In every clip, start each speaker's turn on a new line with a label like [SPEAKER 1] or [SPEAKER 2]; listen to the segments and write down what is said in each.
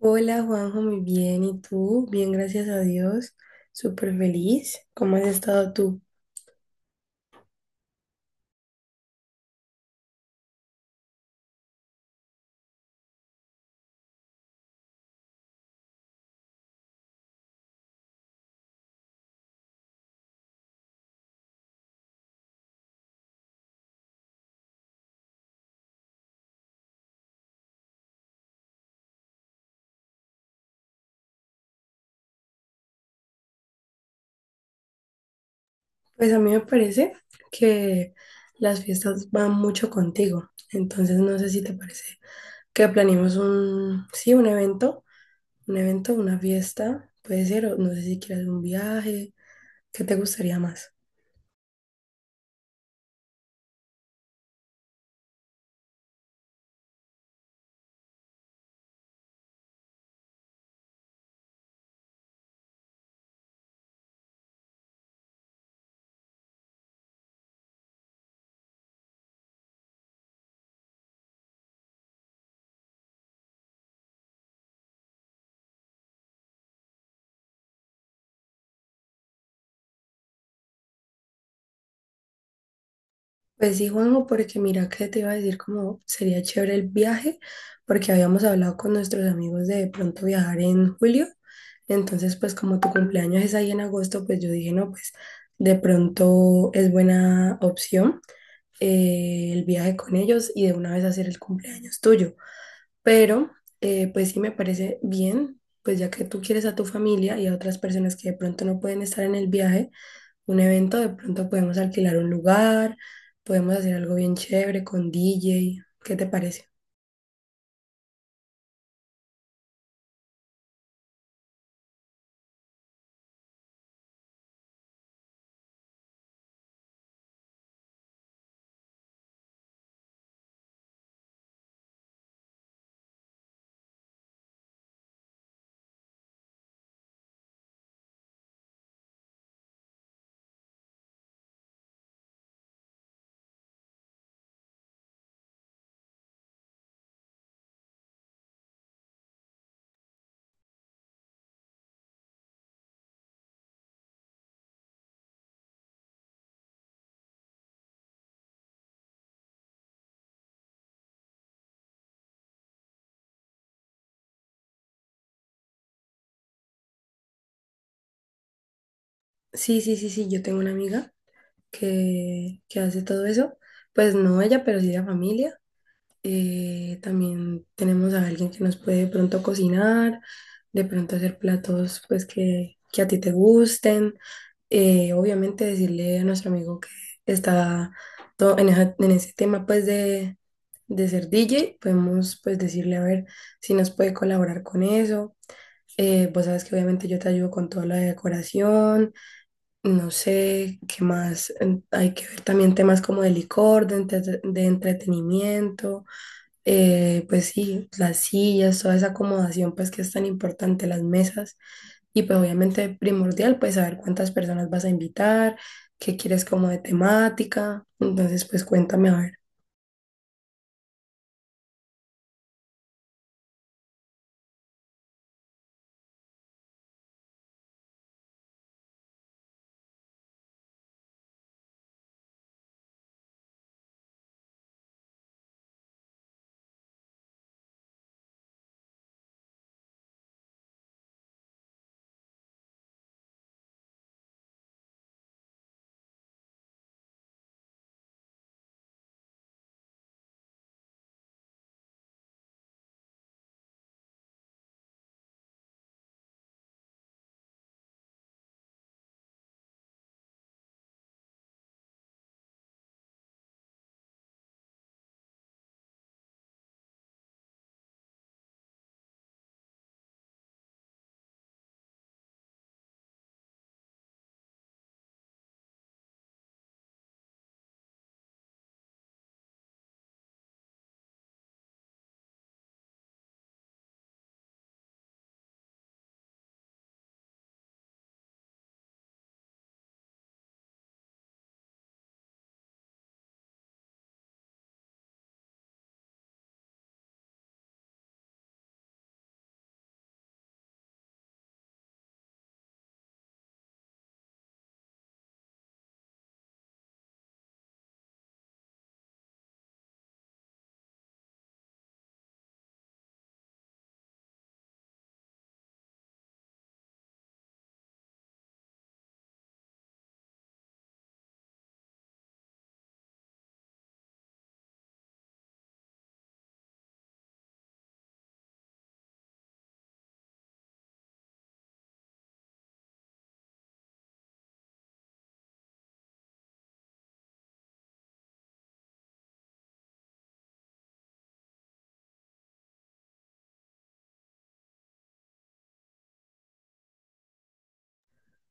[SPEAKER 1] Hola Juanjo, muy bien. ¿Y tú? Bien, gracias a Dios. Súper feliz. ¿Cómo has estado tú? Pues a mí me parece que las fiestas van mucho contigo. Entonces no sé si te parece que planeemos un, sí, un evento, una fiesta. Puede ser, o no sé si quieres un viaje. ¿Qué te gustaría más? Pues sí, Juanjo, porque mira que te iba a decir como sería chévere el viaje, porque habíamos hablado con nuestros amigos de pronto viajar en julio, entonces pues como tu cumpleaños es ahí en agosto, pues yo dije, no, pues de pronto es buena opción el viaje con ellos y de una vez hacer el cumpleaños tuyo, pero pues sí me parece bien, pues ya que tú quieres a tu familia y a otras personas que de pronto no pueden estar en el viaje, un evento, de pronto podemos alquilar un lugar, podemos hacer algo bien chévere con DJ. ¿Qué te parece? Sí, sí, sí, sí, yo tengo una amiga que hace todo eso. Pues no ella, pero sí la familia. También tenemos a alguien que nos puede de pronto cocinar, de pronto hacer platos pues que a ti te gusten. Obviamente decirle a nuestro amigo que está todo en, en ese tema pues de ser DJ, podemos pues decirle a ver si nos puede colaborar con eso. Vos sabes que obviamente yo te ayudo con toda la decoración, no sé qué más, hay que ver también temas como de licor, de entretenimiento, pues sí, las sillas, toda esa acomodación pues que es tan importante, las mesas y pues obviamente primordial pues saber cuántas personas vas a invitar, qué quieres como de temática, entonces pues cuéntame a ver.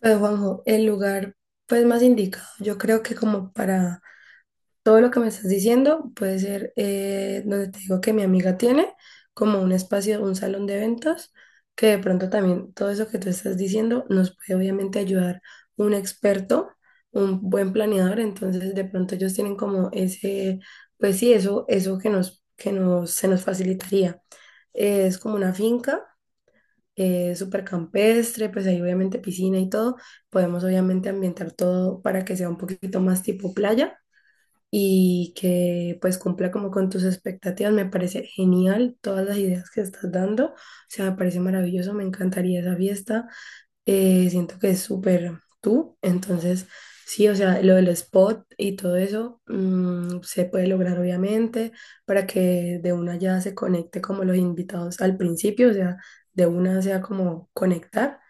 [SPEAKER 1] Pues Juanjo, el lugar pues más indicado yo creo que como para todo lo que me estás diciendo puede ser, donde te digo que mi amiga tiene, como un espacio, un salón de eventos, que de pronto también todo eso que tú estás diciendo nos puede obviamente ayudar un experto, un buen planeador, entonces de pronto ellos tienen como ese, pues sí, eso que nos se nos facilitaría. Es como una finca, súper campestre, pues ahí obviamente piscina y todo, podemos obviamente ambientar todo para que sea un poquito más tipo playa y que pues cumpla como con tus expectativas. Me parece genial todas las ideas que estás dando. O sea, me parece maravilloso, me encantaría esa fiesta. Siento que es súper tú. Entonces, sí, o sea, lo del spot y todo eso se puede lograr obviamente para que de una ya se conecte como los invitados al principio, o sea, de una sea como conectar.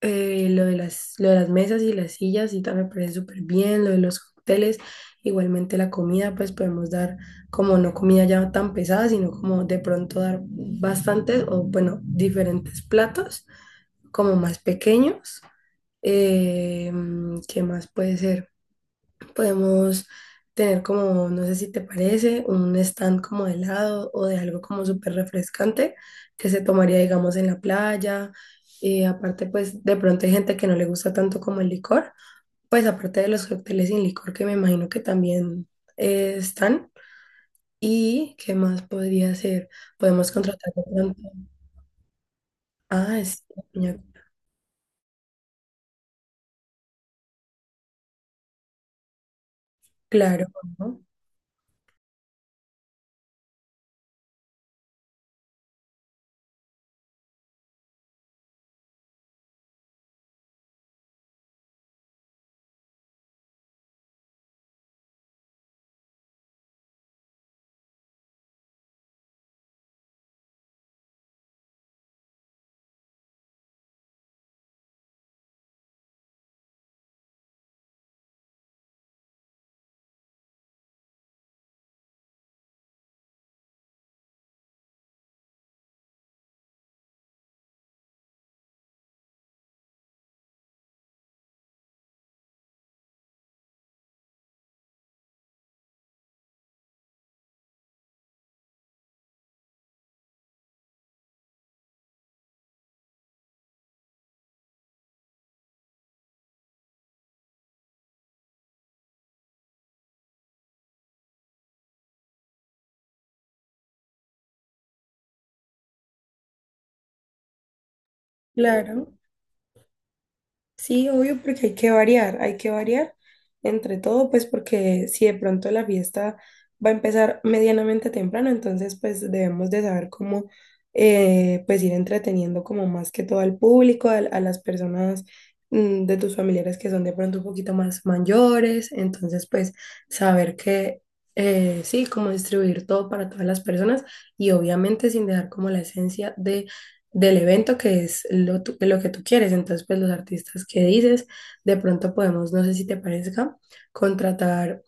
[SPEAKER 1] Lo de las mesas y las sillas, y también me parece súper bien, lo de los cócteles, igualmente la comida, pues podemos dar como no comida ya tan pesada, sino como de pronto dar bastantes o bueno, diferentes platos como más pequeños. Eh, ¿Qué más puede ser? Podemos tener como, no sé si te parece, un stand como de helado o de algo como súper refrescante que se tomaría, digamos, en la playa. Y aparte, pues de pronto hay gente que no le gusta tanto como el licor, pues aparte de los cócteles sin licor que me imagino que también están. ¿Y qué más podría ser? Podemos contratar de pronto. Ah, es, claro, ¿no? Claro. Sí, obvio, porque hay que variar entre todo, pues porque si de pronto la fiesta va a empezar medianamente temprano, entonces pues debemos de saber cómo pues ir entreteniendo como más que todo al público, a las personas de tus familiares que son de pronto un poquito más mayores, entonces pues saber que sí, cómo distribuir todo para todas las personas y obviamente sin dejar como la esencia del evento que es lo, lo que tú quieres. Entonces, pues los artistas que dices, de pronto podemos, no sé si te parezca, contratar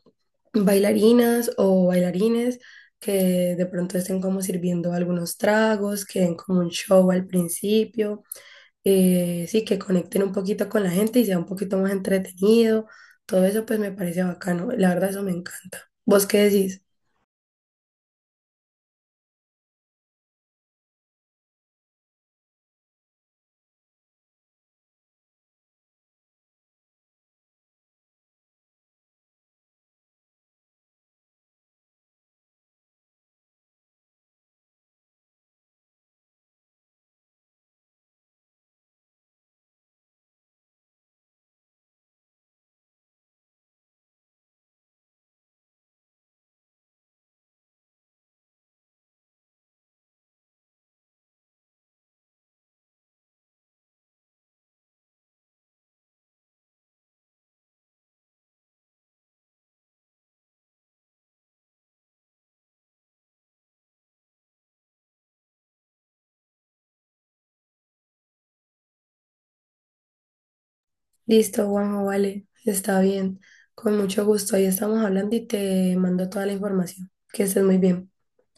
[SPEAKER 1] bailarinas o bailarines que de pronto estén como sirviendo algunos tragos, que den como un show al principio, sí, que conecten un poquito con la gente y sea un poquito más entretenido. Todo eso pues me parece bacano. La verdad, eso me encanta. ¿Vos qué decís? Listo, Juanjo, vale, está bien. Con mucho gusto, ahí estamos hablando y te mando toda la información. Que estés muy bien.